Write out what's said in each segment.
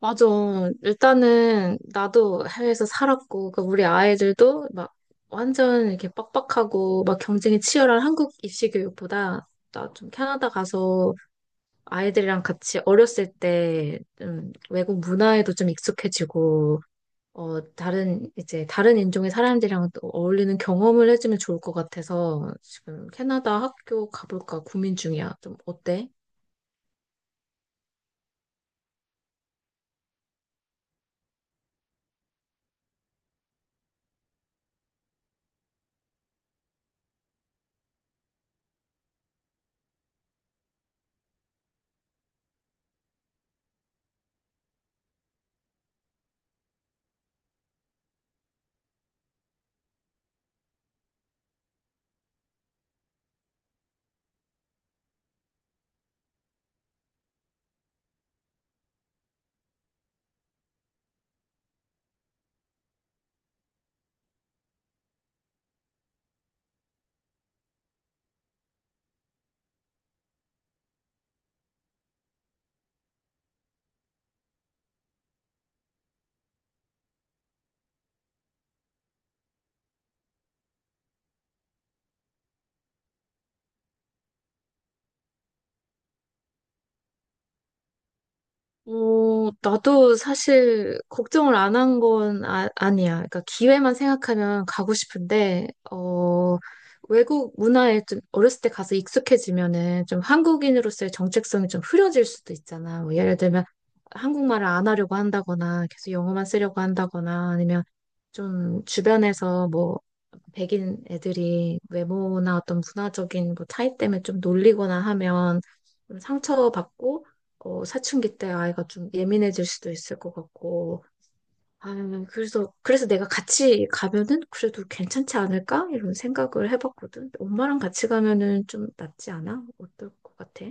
맞아. 일단은 나도 해외에서 살았고, 그 우리 아이들도 막 완전 이렇게 빡빡하고 막 경쟁이 치열한 한국 입시 교육보다 나 좀 캐나다 가서 아이들이랑 같이 어렸을 때 좀 외국 문화에도 좀 익숙해지고, 다른 이제 다른 인종의 사람들이랑 또 어울리는 경험을 해주면 좋을 것 같아서 지금 캐나다 학교 가볼까 고민 중이야. 좀 어때? 나도 사실 걱정을 안 한 건 아니야. 그러니까 기회만 생각하면 가고 싶은데, 외국 문화에 좀 어렸을 때 가서 익숙해지면은 좀 한국인으로서의 정체성이 좀 흐려질 수도 있잖아. 뭐 예를 들면 한국말을 안 하려고 한다거나 계속 영어만 쓰려고 한다거나 아니면 좀 주변에서 뭐 백인 애들이 외모나 어떤 문화적인 뭐 차이 때문에 좀 놀리거나 하면 좀 상처받고 사춘기 때 아이가 좀 예민해질 수도 있을 것 같고, 아, 그래서 내가 같이 가면은 그래도 괜찮지 않을까? 이런 생각을 해봤거든. 엄마랑 같이 가면은 좀 낫지 않아? 어떨 것 같아?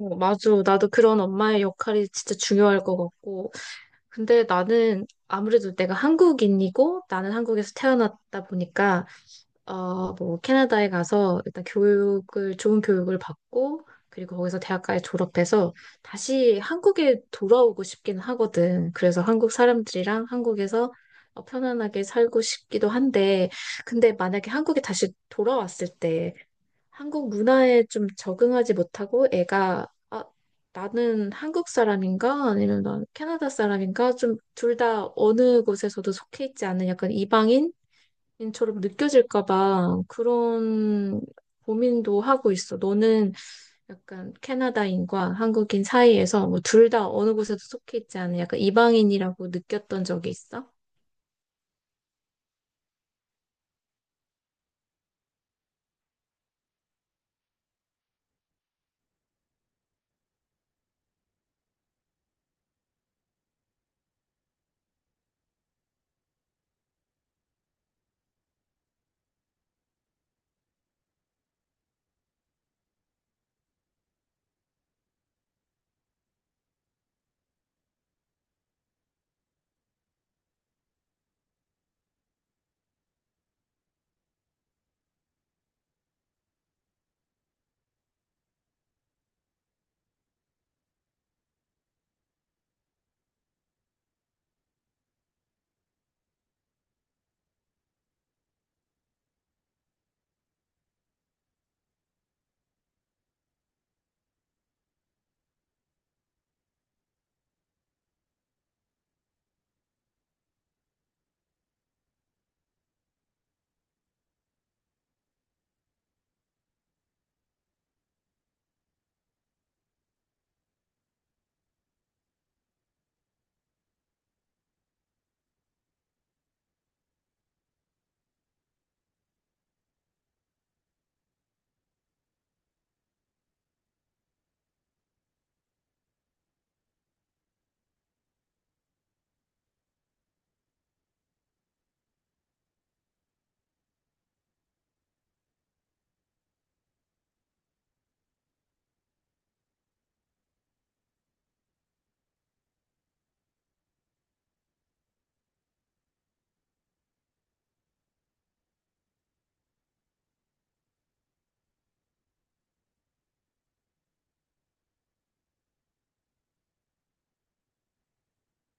어, 맞아. 나도 그런 엄마의 역할이 진짜 중요할 것 같고. 근데 나는 아무래도 내가 한국인이고, 나는 한국에서 태어났다 보니까, 뭐 캐나다에 가서 일단 교육을 좋은 교육을 받고 그리고 거기서 대학까지 졸업해서 다시 한국에 돌아오고 싶긴 하거든. 그래서 한국 사람들이랑 한국에서 편안하게 살고 싶기도 한데 근데 만약에 한국에 다시 돌아왔을 때 한국 문화에 좀 적응하지 못하고 애가 나는 한국 사람인가? 아니면 난 캐나다 사람인가? 좀 둘 다 어느 곳에서도 속해 있지 않은 약간 이방인? 인처럼 느껴질까봐 그런 고민도 하고 있어. 너는 약간 캐나다인과 한국인 사이에서 뭐 둘 다 어느 곳에도 속해 있지 않은 약간 이방인이라고 느꼈던 적이 있어?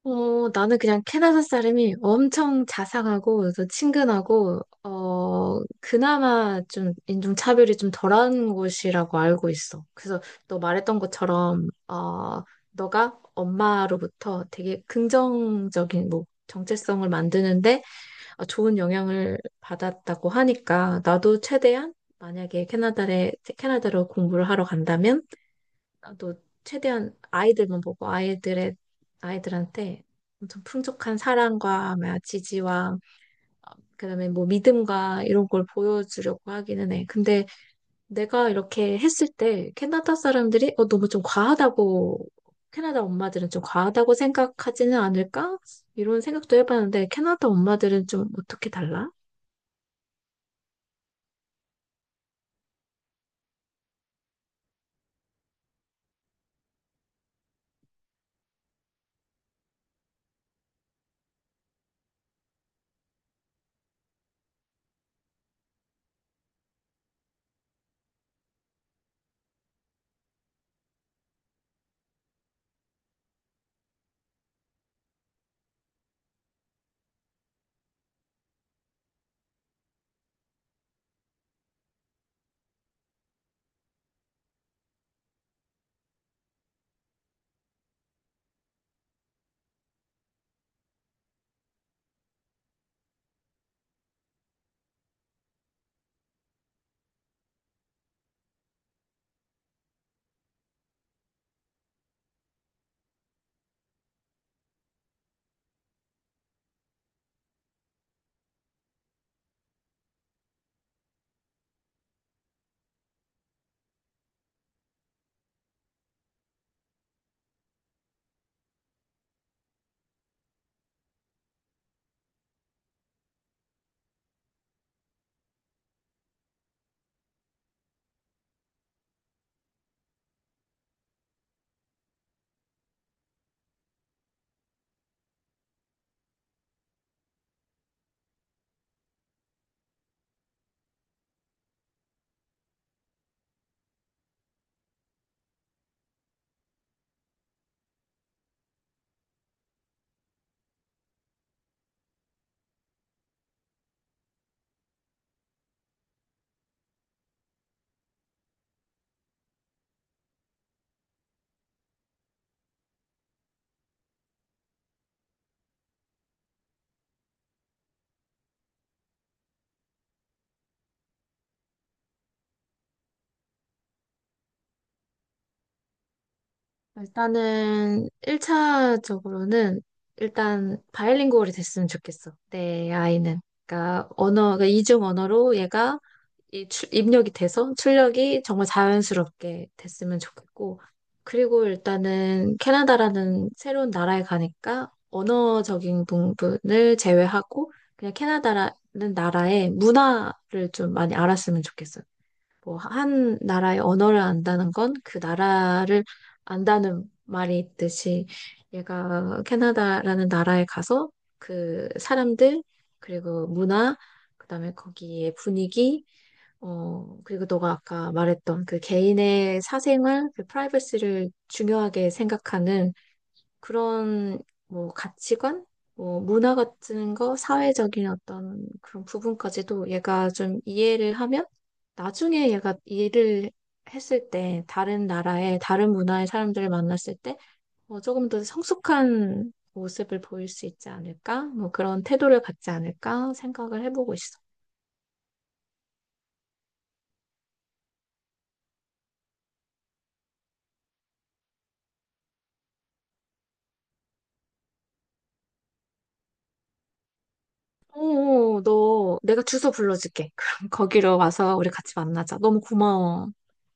어, 나는 그냥 캐나다 사람이 엄청 자상하고, 그래서 친근하고, 그나마 좀 인종차별이 좀 덜한 곳이라고 알고 있어. 그래서 너 말했던 것처럼, 너가 엄마로부터 되게 긍정적인, 뭐, 정체성을 만드는데 좋은 영향을 받았다고 하니까, 나도 최대한 만약에 캐나다에, 캐나다로 공부를 하러 간다면, 나도 최대한 아이들만 보고 아이들의 아이들한테 엄청 풍족한 사랑과 뭐야, 지지와 그다음에 뭐 믿음과 이런 걸 보여주려고 하기는 해. 근데 내가 이렇게 했을 때 캐나다 사람들이 어 너무 좀 과하다고 캐나다 엄마들은 좀 과하다고 생각하지는 않을까? 이런 생각도 해봤는데 캐나다 엄마들은 좀 어떻게 달라? 일단은 1차적으로는 일단 바이링구얼이 됐으면 좋겠어. 내 아이는. 그러니까 언어, 그 이중 언어로 얘가 이 입력이 돼서 출력이 정말 자연스럽게 됐으면 좋겠고. 그리고 일단은 캐나다라는 새로운 나라에 가니까 언어적인 부분을 제외하고 그냥 캐나다라는 나라의 문화를 좀 많이 알았으면 좋겠어. 뭐, 한 나라의 언어를 안다는 건 그 나라를 안다는 말이 있듯이 얘가 캐나다라는 나라에 가서 그 사람들, 그리고 문화, 그다음에 거기에 분위기, 그리고 너가 아까 말했던 그 개인의 사생활, 그 프라이버시를 중요하게 생각하는 그런 뭐 가치관, 뭐 문화 같은 거, 사회적인 어떤 그런 부분까지도 얘가 좀 이해를 하면 나중에 얘가 일을 했을 때 다른 나라의 다른 문화의 사람들을 만났을 때 뭐 조금 더 성숙한 모습을 보일 수 있지 않을까? 뭐 그런 태도를 갖지 않을까 생각을 해보고 있어. 오, 너 내가 주소 불러줄게. 그럼 거기로 와서 우리 같이 만나자. 너무 고마워.